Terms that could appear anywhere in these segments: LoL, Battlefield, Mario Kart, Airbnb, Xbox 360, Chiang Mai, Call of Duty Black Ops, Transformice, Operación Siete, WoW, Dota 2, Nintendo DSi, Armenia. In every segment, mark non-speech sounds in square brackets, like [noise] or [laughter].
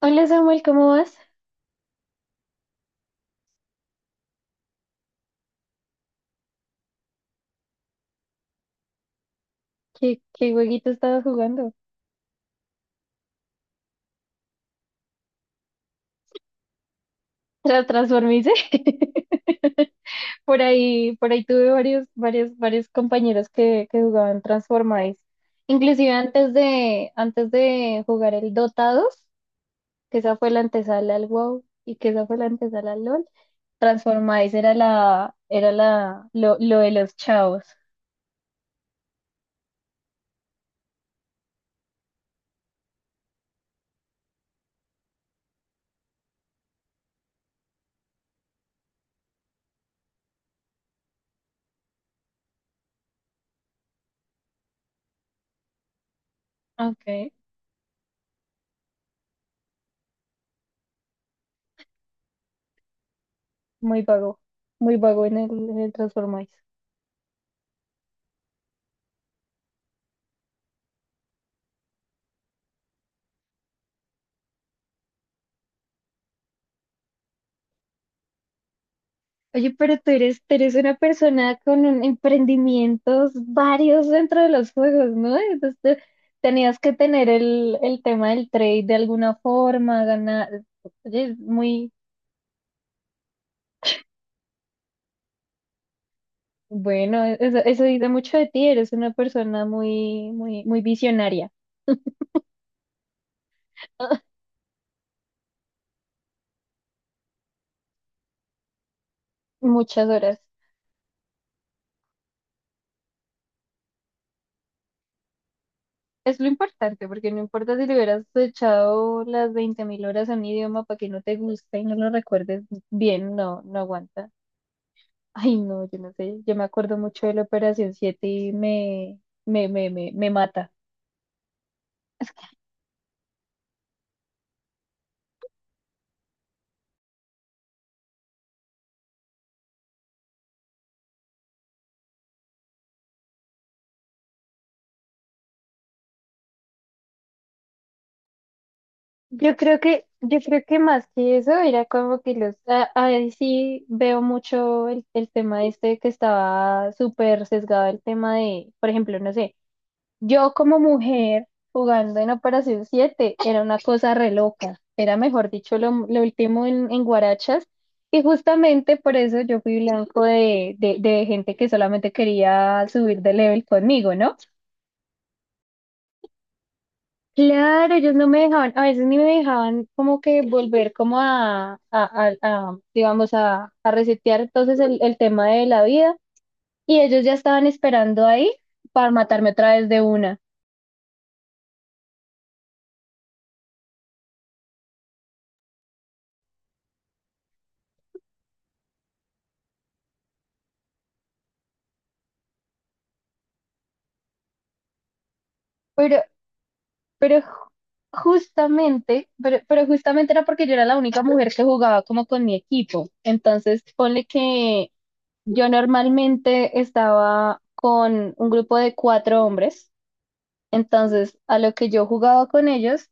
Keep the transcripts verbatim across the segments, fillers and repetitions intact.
Hola Samuel, ¿cómo vas? ¿Qué, qué jueguito estabas jugando? ¿Tra transformice? [laughs] Por ahí, por ahí tuve varios, varios, varios compañeros que, que jugaban Transformice. Inclusive antes de, antes de jugar el Dota dos, que esa fue la antesala al WoW y que esa fue la antesala al LoL, Transformice era la, era la, lo, lo de los chavos. Ok. Muy vago, Muy vago en el, en el Transformice. Oye, pero tú eres, tú eres una persona con un- emprendimientos varios dentro de los juegos, ¿no? Entonces tú tenías que tener el, el tema del trade de alguna forma, ganar. Oye, es muy bueno, e-, eso, eso dice mucho de ti, eres una persona muy, muy, muy visionaria. [laughs] Muchas horas. Es lo importante, porque no importa si le hubieras echado las veinte mil horas a un idioma para que no te guste y no lo recuerdes bien, no, no aguanta. Ay, no, yo no sé. Yo me acuerdo mucho de la Operación Siete y me, me, me, me, me mata. Yo creo que, yo creo que más que eso era como que los, a- ahí sí veo mucho el, el tema este que estaba súper sesgado el tema de, por ejemplo, no sé. Yo como mujer jugando en Operación siete era una cosa re loca, era mejor dicho lo, lo último en, en guarachas y justamente por eso yo fui blanco de, de, de gente que solamente quería subir de level conmigo, ¿no? Claro, ellos no me dejaban, a veces ni me dejaban como que volver como a, a, a- a, digamos, a, a resetear entonces el, el tema de la vida y ellos ya estaban esperando ahí para matarme otra vez de una. pero Pero ju- Justamente, pero, pero justamente era porque yo era la única mujer que jugaba como con mi equipo. Entonces, ponle que yo normalmente estaba con un grupo de cuatro hombres. Entonces, a lo que yo jugaba con ellos,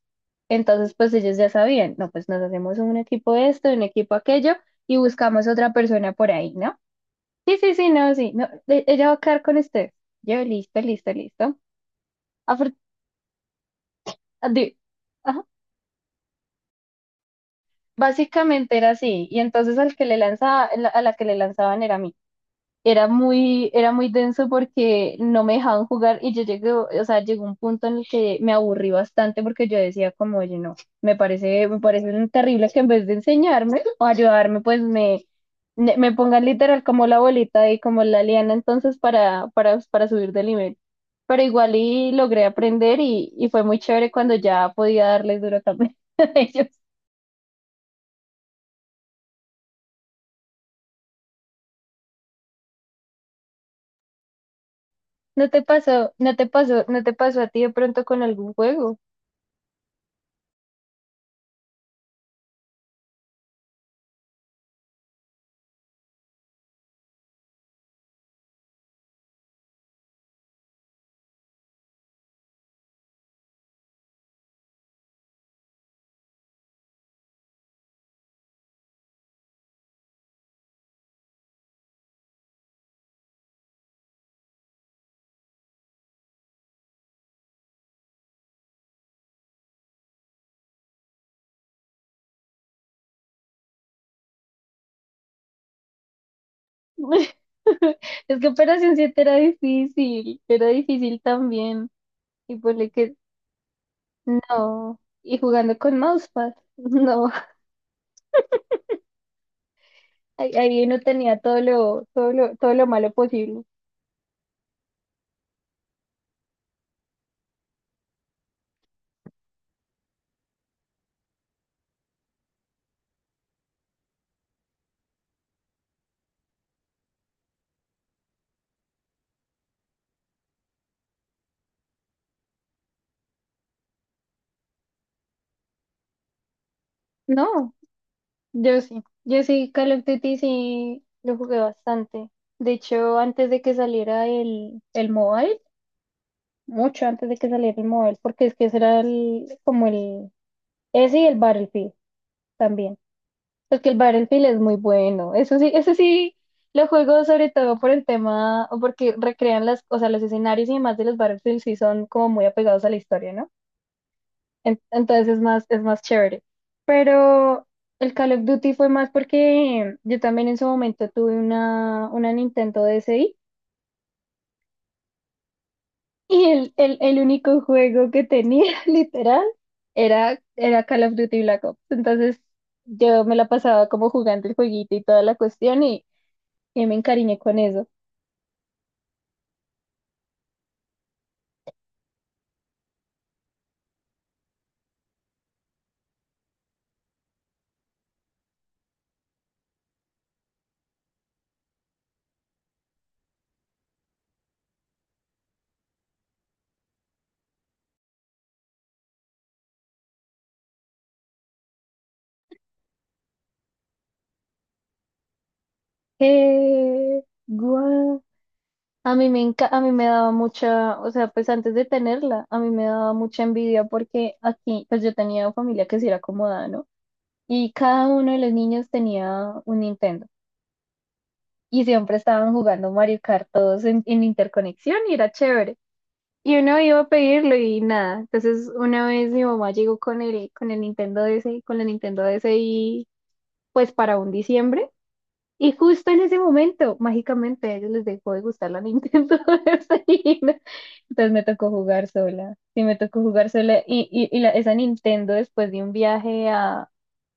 entonces pues ellos ya sabían, no, pues nos hacemos un equipo de esto, un equipo aquello y buscamos otra persona por ahí, ¿no? Sí, sí, sí, no, sí, no, e- ella va a quedar con usted. Yo, listo, listo, listo. Afor- di- ajá. Básicamente era así, y entonces al que le lanzaba, la- a la que le lanzaban era a mí. Era muy, era muy denso porque no me dejaban jugar y yo llegué, o sea, llegó un punto en el que me aburrí bastante porque yo decía como, oye, no, me parece, me parece terrible que en vez de enseñarme o ayudarme, pues me, me me pongan literal como la bolita y como la liana entonces para, para, para subir de nivel. Pero igual y logré aprender y, y fue muy chévere cuando ya podía darles duro también [laughs] a ellos. ¿No te pasó, no te pasó, no te pasó a ti de pronto con algún juego? [laughs] Es que Operación siete era difícil, era difícil también. Y ponle que no. Y jugando con mousepad, [laughs] no. Ahí, ahí uno tenía todo lo, todo lo, todo lo malo posible. No, yo sí. Yo sí, Call of Duty sí lo jugué bastante. De hecho, antes de que saliera el, el mobile, mucho antes de que saliera el mobile, porque es que ese era el, como el, ese y el Battlefield. También. Porque el Battlefield es muy bueno. Eso sí, eso sí lo juego sobre todo por el tema, o porque recrean las, o sea, los escenarios y demás de los Battlefield sí son como muy apegados a la historia, ¿no? En- entonces es más, es más chévere. Pero el Call of Duty fue más porque yo también en su momento tuve una, una Nintendo DSi [laughs] y el, el, el único juego que tenía, [laughs] literal, era, era Call of Duty Black Ops. Entonces yo me la pasaba como jugando el jueguito y toda la cuestión. y Y me encariñé con eso. Eh, guau. A mí me enca- a mí me daba mucha, o sea, pues antes de tenerla, a mí me daba mucha envidia porque aquí, pues yo tenía familia que sí era acomodada, ¿no? Y cada uno de los niños tenía un Nintendo y siempre estaban jugando Mario Kart todos en, en interconexión y era chévere. Y uno iba a pedirlo y nada. Entonces una vez mi mamá llegó con el, con el Nintendo D S, con la Nintendo D S y pues para un diciembre. Y justo en ese momento, mágicamente, a ellos les dejó de gustar la Nintendo [laughs] de Sabrina. Entonces me tocó jugar sola. Sí, me tocó jugar sola. Y, y, y la- esa Nintendo, después de un viaje a,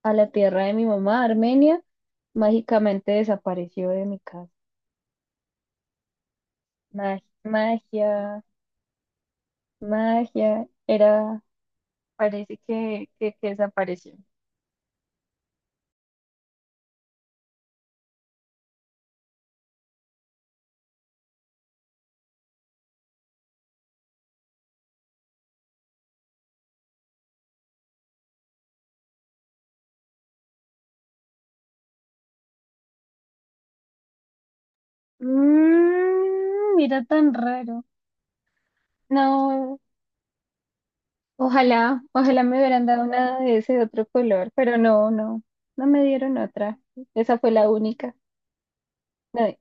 a la tierra de mi mamá, Armenia, mágicamente desapareció de mi casa. Magia, magia, magia. Era, parece que, que, que desapareció. Mm, mira tan raro. No. Ojalá, ojalá me hubieran dado una de ese otro color, pero no, no, no me dieron otra. Esa fue la única. No,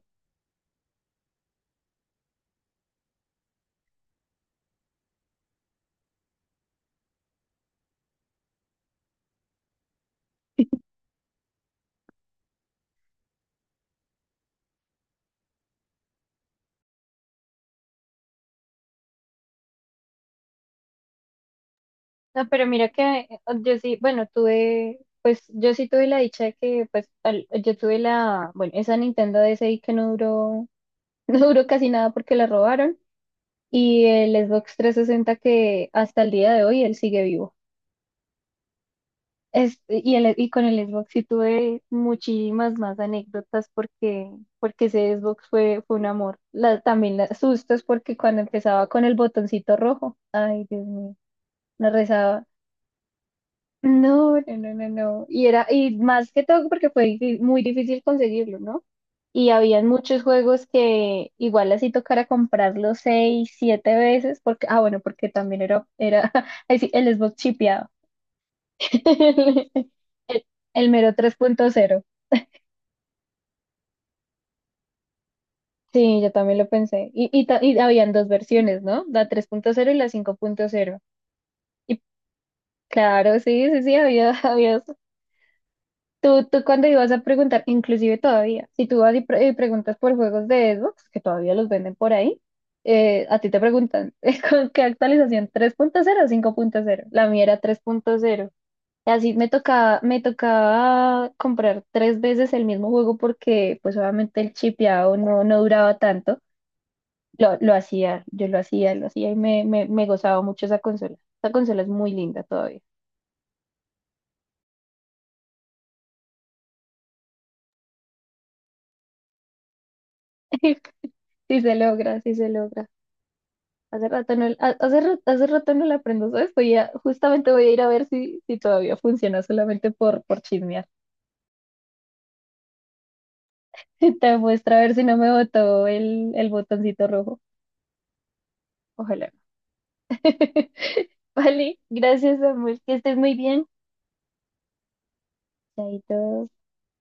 no, pero mira que eh, yo sí, bueno, tuve, pues yo sí tuve la dicha de que, pues al- yo tuve la, bueno, esa Nintendo DSi que no duró, [laughs] no duró casi nada porque la robaron y el Xbox trescientos sesenta que hasta el día de hoy él sigue vivo. Es- y, el- y con el Xbox sí tuve muchísimas más anécdotas porque, porque ese Xbox fue, fue un amor. La- también los sustos porque cuando empezaba con el botoncito rojo, ay Dios mío, me rezaba. No, no, no, no, no. Y era, y más que todo porque fue difí- muy difícil conseguirlo, ¿no? Y habían muchos juegos que igual así tocara comprarlos seis, siete veces, porque, ah, bueno, porque también era, era [laughs] ahí sí, el Xbox chipeado. [laughs] El, el mero tres punto cero. Sí, yo también lo pensé. Y, y, ta- y habían dos versiones, ¿no? La tres punto cero y la cinco punto cero. Y claro, sí, sí, sí, había, [laughs] había eso. Tú, tú cuando ibas a preguntar, inclusive todavía, si tú vas y, pre- y preguntas por juegos de Xbox, que todavía los venden por ahí, eh, a ti te preguntan, [laughs] ¿con qué actualización? ¿Tres punto cero o cinco punto cero? La mía era tres punto cero. Y así me tocaba, me tocaba comprar tres veces el mismo juego porque pues obviamente el chipeado no, no duraba tanto. Lo, lo hacía, yo lo hacía, lo hacía y me, me, me gozaba mucho esa consola. Esa consola es muy linda todavía. [laughs] Sí se logra, sí se logra. Hace rato no, ha- hace, ra- hace rato no la aprendo, ¿sabes? Voy a- justamente voy a ir a ver si, si todavía funciona solamente por, por chismear. [laughs] Te muestra a ver si no me botó el, el botoncito rojo. Ojalá. [laughs] Vale, gracias, amor. Que estés muy bien. Chaito.